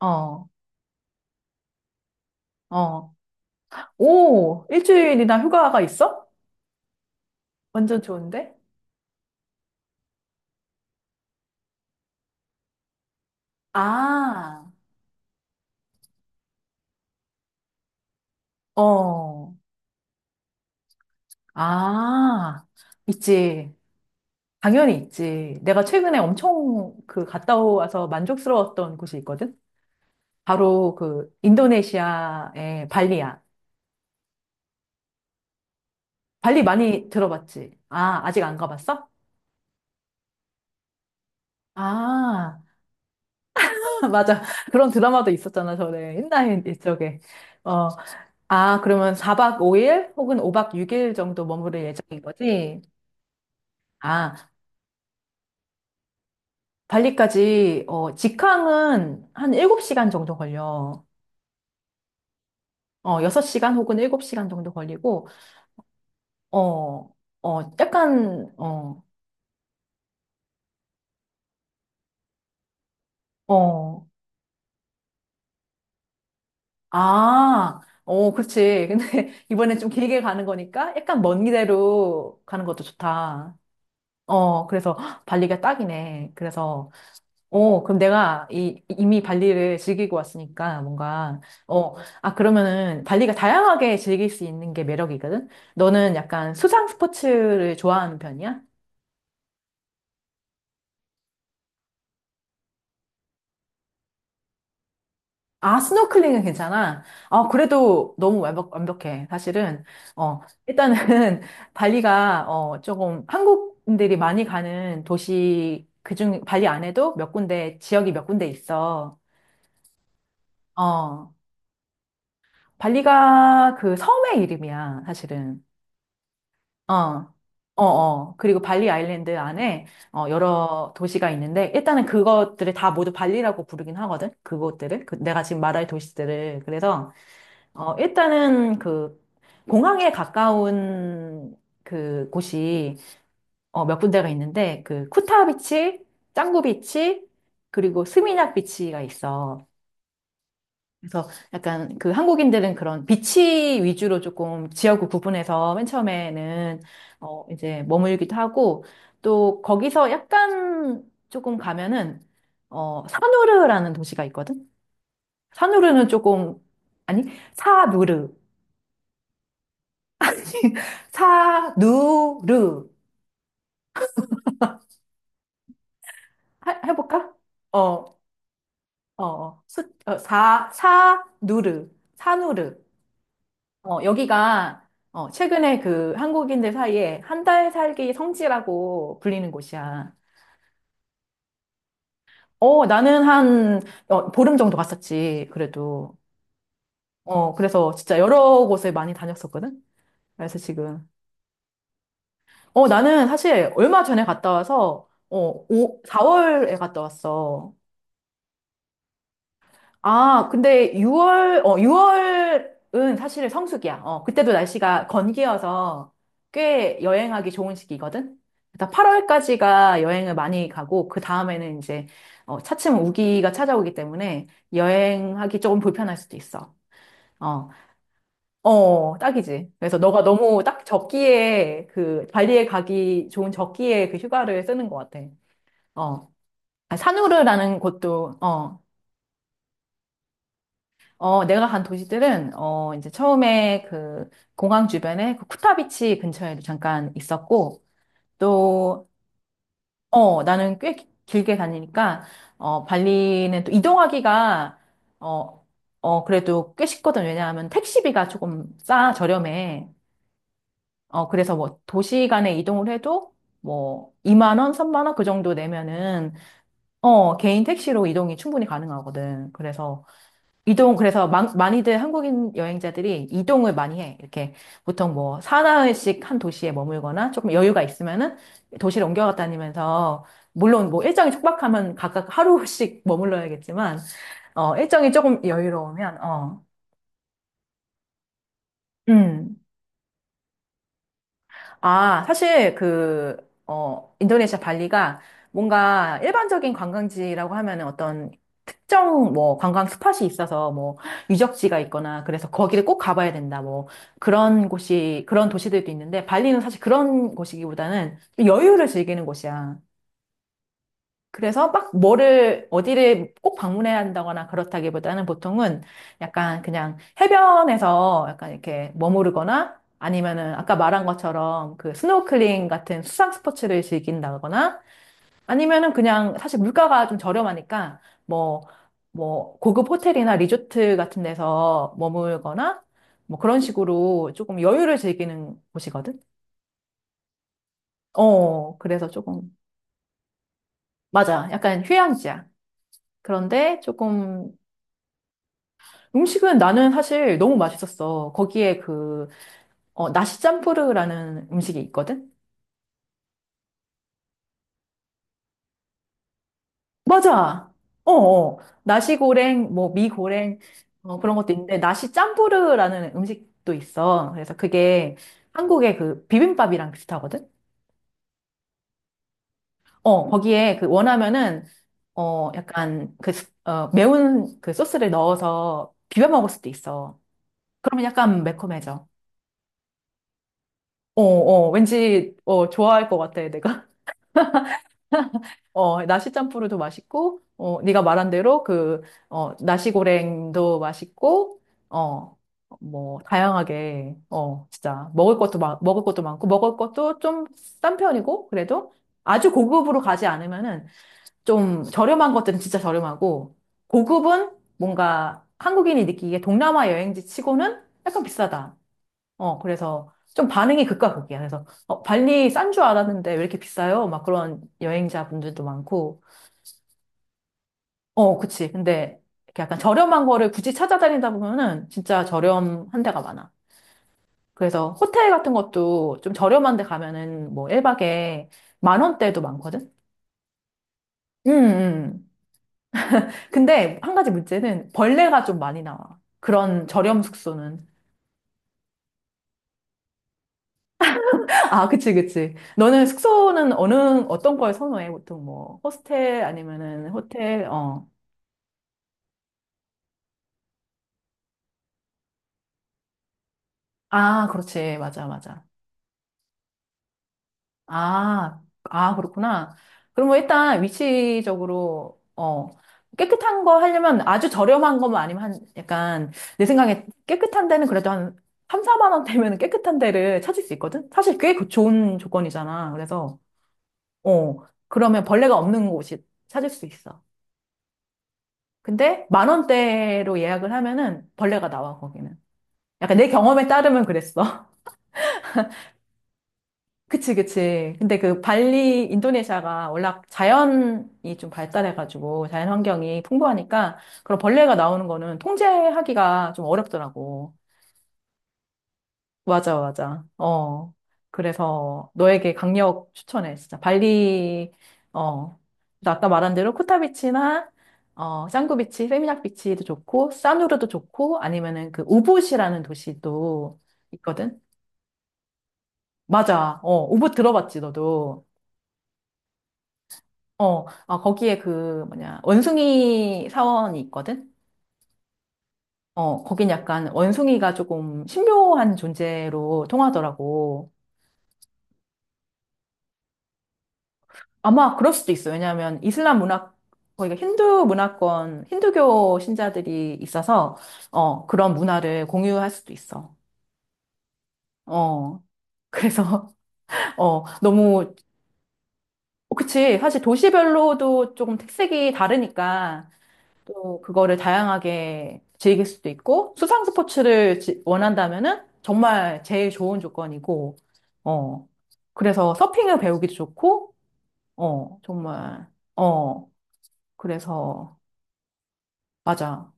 어, 어. 오, 일주일이나 휴가가 있어? 완전 좋은데? 아, 어, 아, 있지. 당연히 있지. 내가 최근에 엄청 그 갔다 와서 만족스러웠던 곳이 있거든? 바로 그 인도네시아의 발리야. 발리 많이 들어봤지? 아, 아직 안 가봤어? 아, 맞아. 그런 드라마도 있었잖아, 전에. 옛날 이쪽에. 어, 아, 그러면 4박 5일 혹은 5박 6일 정도 머무를 예정인 거지? 아, 발리까지, 어, 직항은 한 7시간 정도 걸려. 어, 6시간 혹은 7시간 정도 걸리고, 어, 어, 약간, 어, 어, 아, 어, 그렇지. 근데 이번엔 좀 길게 가는 거니까 약간 먼 길대로 가는 것도 좋다. 어, 그래서 헉, 발리가 딱이네. 그래서 어, 그럼 내가 이미 발리를 즐기고 왔으니까 뭔가, 어, 아, 그러면은 발리가 다양하게 즐길 수 있는 게 매력이거든? 너는 약간 수상 스포츠를 좋아하는 편이야? 아, 스노클링은 괜찮아? 아, 그래도 너무 완벽해. 사실은, 어, 일단은 발리가, 어, 조금 한국인들이 많이 가는 도시, 그중, 발리 안에도 몇 군데, 지역이 몇 군데 있어. 어, 발리가 그 섬의 이름이야, 사실은. 어, 어, 어. 그리고 발리 아일랜드 안에 어, 여러 도시가 있는데 일단은 그것들을 다 모두 발리라고 부르긴 하거든. 그것들을 그 내가 지금 말할 도시들을 그래서 어, 일단은 그 공항에 가까운 그 곳이 어, 몇 군데가 있는데 그 쿠타 비치, 짱구 비치, 그리고 스미냑 비치가 있어. 그래서 약간 그 한국인들은 그런 비치 위주로 조금 지역을 구분해서 맨 처음에는 어, 이제 머물기도 하고 또 거기서 약간 조금 가면은 어, 사누르라는 도시가 있거든. 사누르는 조금, 아니 사누르. 사누르. 해 해볼까? 어, 어, 사누르, 사누르. 어, 여기가 어, 최근에 그 한국인들 사이에 한 달 살기 성지라고 불리는 곳이야. 어, 나는 한 어, 보름 정도 갔었지, 그래도. 어, 그래서 진짜 여러 곳을 많이 다녔었거든. 그래서 지금. 어, 나는 사실 얼마 전에 갔다 와서 어, 오 4월에 갔다 왔어. 아, 근데 6월은 사실 성수기야. 어, 그때도 날씨가 건기여서 꽤 여행하기 좋은 시기거든? 일단 8월까지가 여행을 많이 가고, 그 다음에는 이제, 어, 차츰 우기가 찾아오기 때문에 여행하기 조금 불편할 수도 있어. 어, 어, 딱이지. 그래서 너가 너무 딱 적기에 그 발리에 가기 좋은 적기에 그 휴가를 쓰는 것 같아. 어, 아, 산후르라는 곳도, 어, 어, 내가 간 도시들은, 어, 이제 처음에 그 공항 주변에 그 쿠타비치 근처에도 잠깐 있었고, 또, 어, 나는 꽤 길게 다니니까, 어, 발리는 또 이동하기가, 어, 어, 그래도 꽤 쉽거든. 왜냐하면 택시비가 조금 저렴해. 어, 그래서 뭐 도시 간에 이동을 해도 뭐 2만 원, 3만 원 그 정도 내면은, 어, 개인 택시로 이동이 충분히 가능하거든. 그래서 그래서 많이들 한국인 여행자들이 이동을 많이 해. 이렇게 보통 뭐 사나흘씩 한 도시에 머물거나 조금 여유가 있으면은 도시를 옮겨갔다 다니면서, 물론 뭐 일정이 촉박하면 각각 하루씩 머물러야겠지만, 어, 일정이 조금 여유로우면, 어, 음. 아, 사실 그, 어, 인도네시아 발리가 뭔가 일반적인 관광지라고 하면은 어떤 특정 뭐 관광 스팟이 있어서 뭐 유적지가 있거나 그래서 거기를 꼭 가봐야 된다 뭐 그런 곳이, 그런 도시들도 있는데 발리는 사실 그런 곳이기보다는 좀 여유를 즐기는 곳이야. 그래서 막 뭐를 어디를 꼭 방문해야 한다거나 그렇다기보다는 보통은 약간 그냥 해변에서 약간 이렇게 머무르거나, 아니면은 아까 말한 것처럼 그 스노클링 같은 수상 스포츠를 즐긴다거나, 아니면은 그냥 사실 물가가 좀 저렴하니까 뭐 뭐 고급 호텔이나 리조트 같은 데서 머물거나 뭐 그런 식으로 조금 여유를 즐기는 곳이거든. 어, 그래서 조금, 맞아. 약간 휴양지야. 그런데 조금, 음식은 나는 사실 너무 맛있었어. 거기에 그, 어, 나시 짬뿌르라는 음식이 있거든? 맞아! 어, 어. 나시고랭, 뭐, 미고랭, 어, 그런 것도 있는데, 나시 짬뿌르라는 음식도 있어. 그래서 그게 한국의 그 비빔밥이랑 비슷하거든? 어, 거기에 그 원하면은, 어, 약간 그, 매운 그 소스를 넣어서 비벼 먹을 수도 있어. 그러면 약간 매콤해져. 어, 어, 왠지, 어, 좋아할 것 같아, 내가. 어, 나시짬뽕도 맛있고, 어, 네가 말한 대로 그, 어, 나시고랭도 맛있고, 어, 뭐, 다양하게, 어, 진짜, 먹을 것도 많고, 먹을 것도 좀 싼 편이고, 그래도 아주 고급으로 가지 않으면은 좀 저렴한 것들은 진짜 저렴하고, 고급은 뭔가 한국인이 느끼기에 동남아 여행지 치고는 약간 비싸다. 어, 그래서 좀 반응이 극과 극이야. 그래서, 어, 발리 싼 줄 알았는데 왜 이렇게 비싸요? 막 그런 여행자분들도 많고, 어, 그치. 근데 이렇게 약간 저렴한 거를 굳이 찾아다니다 보면은 진짜 저렴한 데가 많아. 그래서 호텔 같은 것도 좀 저렴한 데 가면은 뭐 1박에 만 원대도 많거든? 음. 근데 한 가지 문제는 벌레가 좀 많이 나와. 그런 저렴 숙소는. 아, 그치, 그치. 너는 숙소는 어느, 어떤 걸 선호해? 보통 뭐, 호스텔 아니면은 호텔, 어. 아, 그렇지. 맞아, 맞아. 아, 아, 그렇구나. 그럼 뭐 일단 위치적으로, 어, 깨끗한 거 하려면 아주 저렴한 거만 아니면 한, 약간, 내 생각에 깨끗한 데는 그래도 한 3, 4만 원 되면 깨끗한 데를 찾을 수 있거든? 사실 꽤 좋은 조건이잖아. 그래서, 어, 그러면 벌레가 없는 곳이 찾을 수 있어. 근데 만 원대로 예약을 하면은 벌레가 나와, 거기는. 약간 내 경험에 따르면 그랬어. 그치, 그치. 근데 그 발리, 인도네시아가 워낙 자연이 좀 발달해가지고 자연 환경이 풍부하니까 그런 벌레가 나오는 거는 통제하기가 좀 어렵더라고. 맞아, 맞아. 어. 그래서 너에게 강력 추천해, 진짜. 발리, 어. 나 아까 말한 대로 코타비치나, 어, 짱구비치, 세미냑 비치도 좋고, 싸누르도 좋고, 아니면은 그 우붓이라는 도시도 있거든? 맞아. 어, 우붓 들어봤지, 너도. 어, 아, 거기에 그, 뭐냐, 원숭이 사원이 있거든? 어, 거긴 약간 원숭이가 조금 신묘한 존재로 통하더라고. 아마 그럴 수도 있어. 왜냐하면 이슬람 문화, 거기가 힌두 문화권, 힌두교 신자들이 있어서, 어, 그런 문화를 공유할 수도 있어. 어, 그래서, 어, 너무, 그치. 사실 도시별로도 조금 특색이 다르니까, 또 그거를 다양하게 즐길 수도 있고 수상 스포츠를 원한다면은 정말 제일 좋은 조건이고, 어, 그래서 서핑을 배우기도 좋고, 어, 정말, 어. 그래서, 맞아.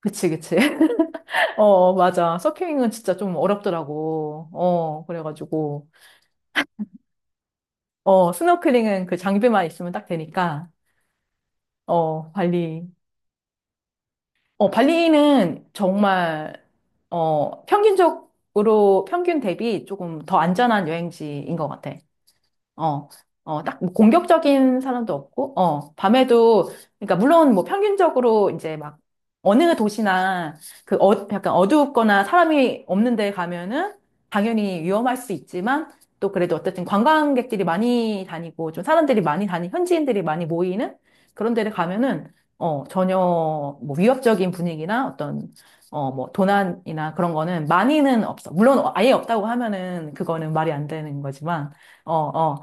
그치, 그치. 어, 맞아. 서핑은 진짜 좀 어렵더라고. 어, 그래가지고, 어, 스노클링은 그 장비만 있으면 딱 되니까, 어, 관리, 어, 발리는 정말, 어, 평균적으로, 평균 대비 조금 더 안전한 여행지인 것 같아. 어, 어, 딱뭐 공격적인 사람도 없고, 어, 밤에도, 그러니까 물론 뭐 평균적으로 이제 막 어느 도시나 그, 어, 약간 어둡거나 사람이 없는 데 가면은 당연히 위험할 수 있지만, 또 그래도 어쨌든 관광객들이 많이 다니고 좀 사람들이 많이 현지인들이 많이 모이는 그런 데를 가면은 어, 전혀 뭐 위협적인 분위기나 어떤, 어, 뭐 도난이나 그런 거는 많이는 없어. 물론 아예 없다고 하면은 그거는 말이 안 되는 거지만, 어, 어.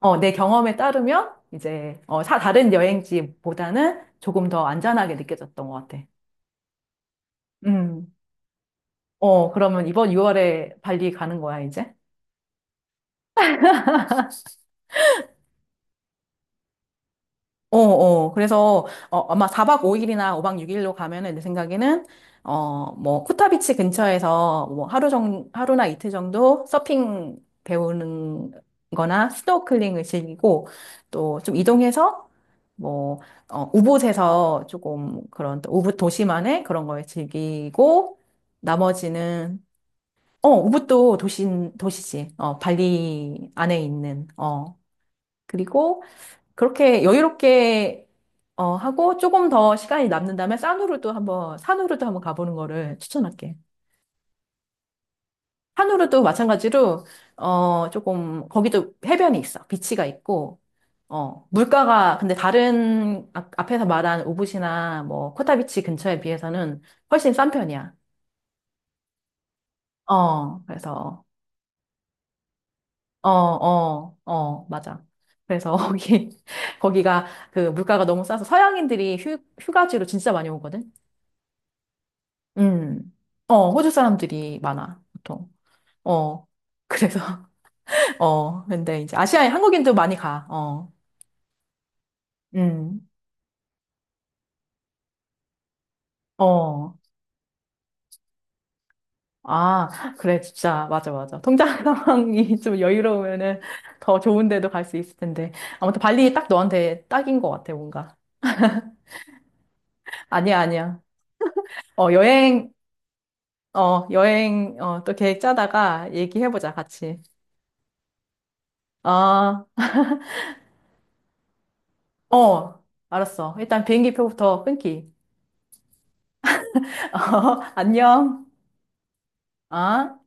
어, 내 경험에 따르면 이제 어, 사 다른 여행지보다는 조금 더 안전하게 느껴졌던 것 같아. 음. 어, 그러면 이번 6월에 발리 가는 거야, 이제? 어, 어. 그래서, 어, 아마 4박 5일이나 5박 6일로 가면은 내 생각에는, 어, 뭐, 코타비치 근처에서 뭐 하루나 이틀 정도 서핑 배우는 거나 스노클링을 즐기고, 또 좀 이동해서, 뭐, 어, 우붓에서 조금 그런, 또 우붓 도시만의 그런 걸 즐기고, 나머지는, 어, 우붓도 도시지. 어, 발리 안에 있는, 어. 그리고, 그렇게 여유롭게 어, 하고 조금 더 시간이 남는다면 산후로도 한번 가보는 거를 추천할게. 산후로도 마찬가지로 어, 조금 거기도 해변이 있어. 비치가 있고, 어, 물가가 근데 다른 앞에서 말한 우붓이나 뭐 코타비치 근처에 비해서는 훨씬 싼 편이야. 어, 그래서, 어, 어, 어, 맞아. 그래서 거기가 그 물가가 너무 싸서 서양인들이 휴가지로 진짜 많이 오거든. 음. 어, 호주 사람들이 많아, 보통. 어. 그래서, 어. 근데 이제 아시아에 한국인도 많이 가. 어. 음. 어. 아, 그래, 진짜. 맞아, 맞아. 통장 상황이 좀 여유로우면은 더 좋은 데도 갈 수 있을 텐데. 아무튼 발리 딱 너한테 딱인 것 같아, 뭔가. 아니야, 아니야. 어, 여행, 어, 또 계획 짜다가 얘기해보자, 같이. 아, 어, 알았어. 일단 비행기 표부터 끊기. 어, 안녕. 아.